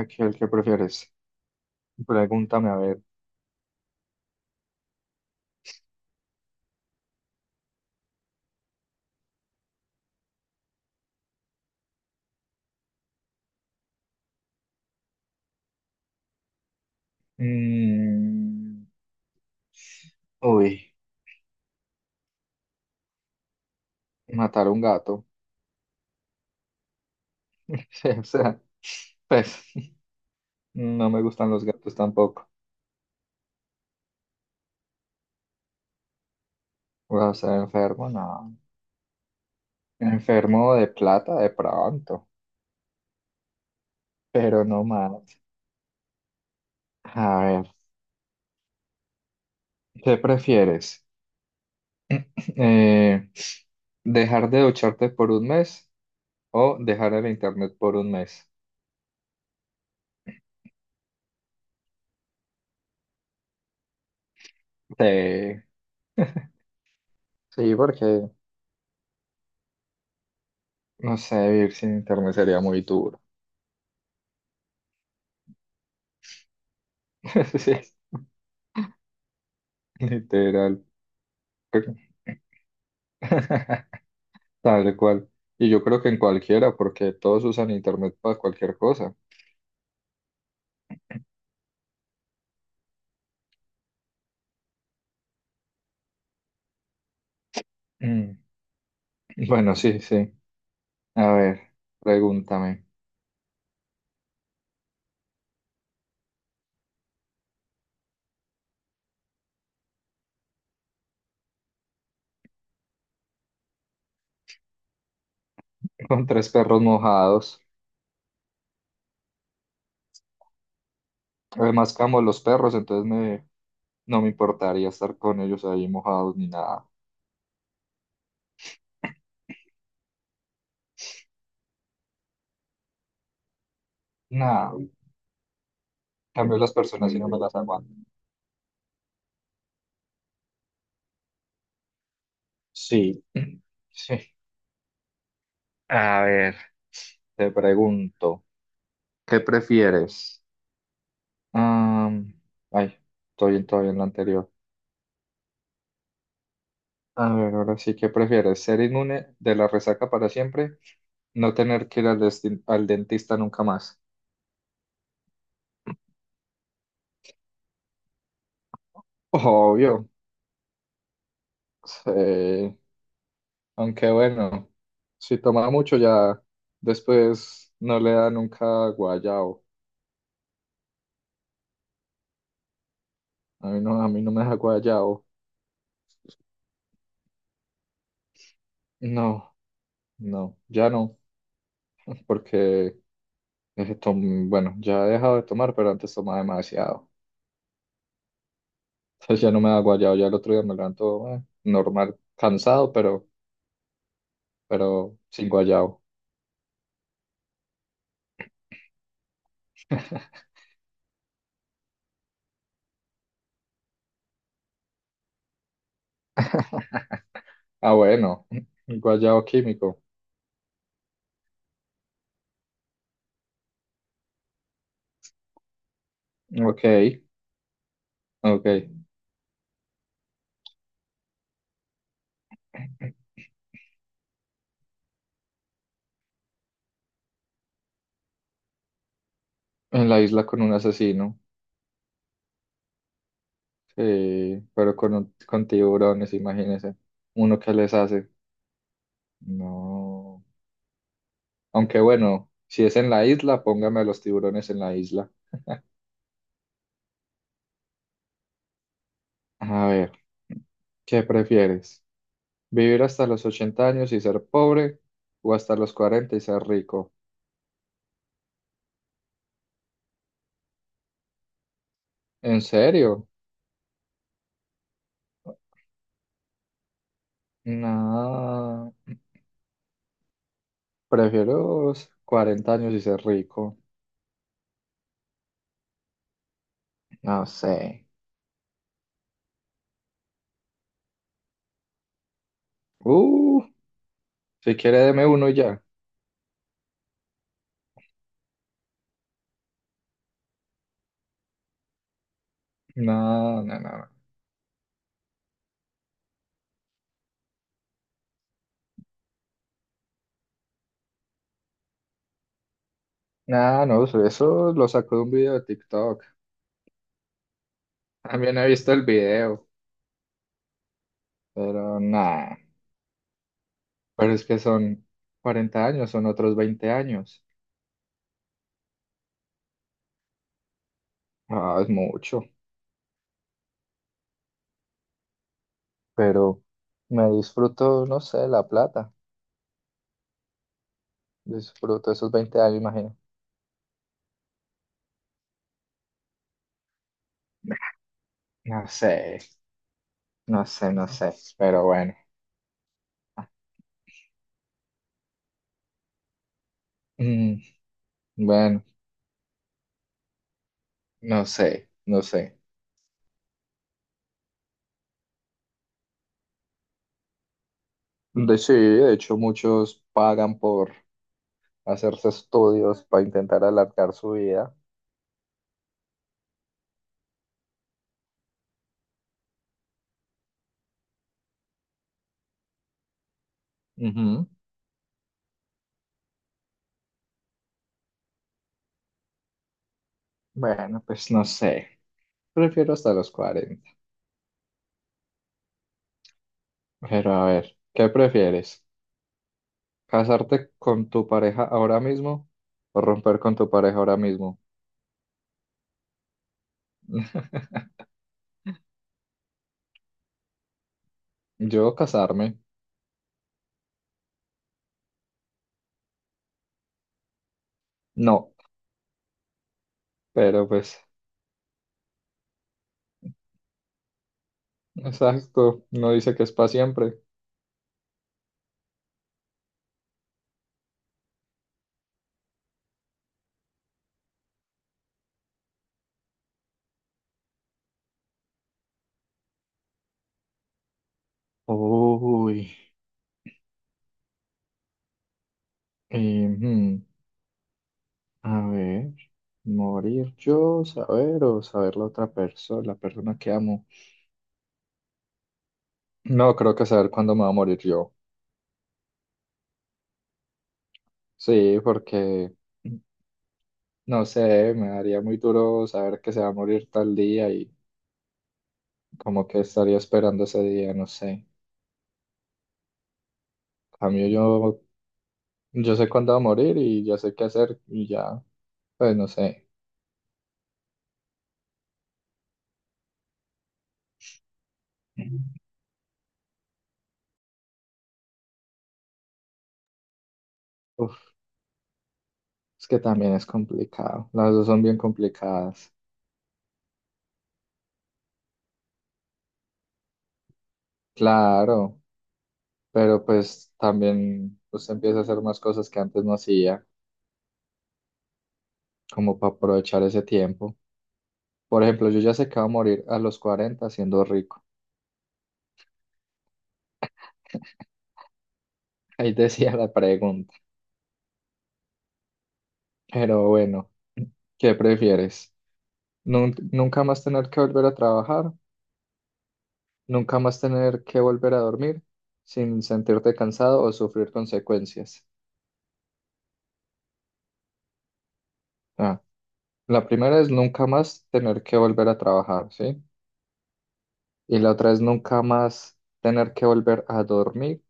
Aquel que prefieres. Pregúntame, a ver. Mm, uy, matar a un gato. Sí, o sea, pues no me gustan los gatos tampoco. O sea, enfermo, no. Enfermo de plata de pronto, pero no más. A ver, ¿qué prefieres? Eh, ¿Dejar de ducharte por un mes o dejar el internet por un mes? Sí, sí, porque no sé, vivir sin internet sería muy duro. Sí, literal. creo- Tal cual. Y yo creo que en cualquiera, porque todos usan internet para cualquier cosa. Mm. Bueno, sí, sí. A ver, pregúntame. Con tres perros mojados. Además, amo los perros, entonces me, no me importaría estar con ellos ahí mojados ni nada. Nada. En cambio las personas si no me las aguanto. Sí. Sí. A ver, te pregunto, ¿qué prefieres? Am, ay, estoy todavía en la anterior. A ver, ahora sí, ¿qué prefieres? ¿Ser inmune de la resaca para siempre? ¿No tener que ir al, al dentista nunca más? Obvio. Sí. Aunque bueno, si toma mucho ya después no le da nunca guayao. A mí no me da guayao. No, no, ya no, porque bueno, ya he dejado de tomar, pero antes tomaba demasiado. Entonces ya no me da guayao, ya el otro día me levanto normal, cansado, pero sin guayao. Ah, bueno, guayabo químico. Ok, ok. En la isla con un asesino, sí, pero con, con tiburones, imagínese. ¿Uno que les hace? No. Aunque bueno, si es en la isla, póngame a los tiburones en la isla. A ver, ¿qué prefieres? ¿Vivir hasta los 80 años y ser pobre o hasta los 40 y ser rico? ¿En serio? No, prefiero los 40 años y ser rico. No sé. Uh, si quiere deme uno ya. No, no, no, no. Nada, no, eso lo sacó de un video de TikTok. También he visto el video, pero nada. Pero es que son 40 años, son otros 20 años. Ah, es mucho, pero me disfruto, no sé, la plata. Disfruto esos 20 años, imagino. No sé, no sé, no sé, pero bueno. Mm, bueno, no sé, no sé. De, sí, de hecho muchos pagan por hacerse estudios para intentar alargar su vida. Ujú. Bueno, pues no sé. Prefiero hasta los 40. Pero a ver, ¿qué prefieres? ¿Casarte con tu pareja ahora mismo o romper con tu pareja ahora mismo? Yo casarme, no, pero pues, exacto, no dice que es para siempre. Uy, y, a ver, morir yo, saber o saber la otra persona, la persona que amo. No, creo que saber cuándo me va a morir yo. Sí, porque no sé, me daría muy duro saber que se va a morir tal día y como que estaría esperando ese día, no sé. En cambio yo, yo sé cuándo va a morir y ya sé qué hacer y ya, pues no sé. Uf, es que también es complicado. Las dos son bien complicadas. Claro, pero pues también usted empieza a hacer más cosas que antes no hacía, como para aprovechar ese tiempo. Por ejemplo, yo ya sé que voy a morir a los 40 siendo rico. Ahí decía la pregunta. Pero bueno, ¿qué prefieres? ¿Nunca más tener que volver a trabajar? ¿Nunca más tener que volver a dormir sin sentirte cansado o sufrir consecuencias? Ah, la primera es nunca más tener que volver a trabajar, ¿sí? Y la otra es nunca más tener que volver a dormir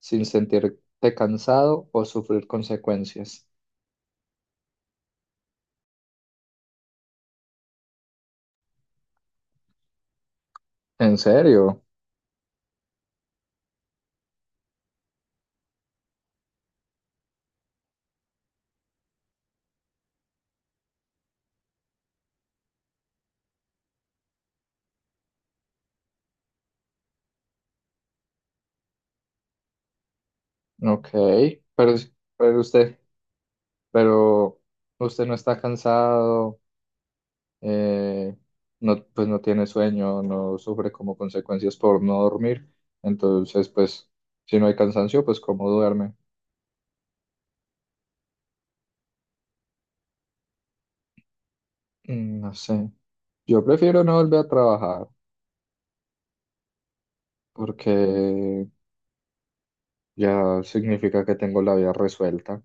sin sentirte cansado o sufrir consecuencias. ¿En serio? Ok, pero, pero usted, pero usted no está cansado. eh, no, pues no tiene sueño, no sufre como consecuencias por no dormir. Entonces, pues, si no hay cansancio, pues cómo duerme. Mm. No sé. Yo prefiero no volver a trabajar porque ya significa que tengo la vida resuelta.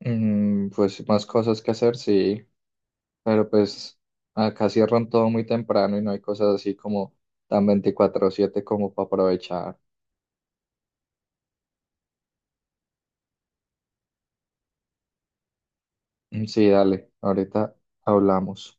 Pues más cosas que hacer, sí, pero pues acá cierran todo muy temprano y no hay cosas así como tan 24/7 como para aprovechar. Mm. Sí, dale, ahorita hablamos.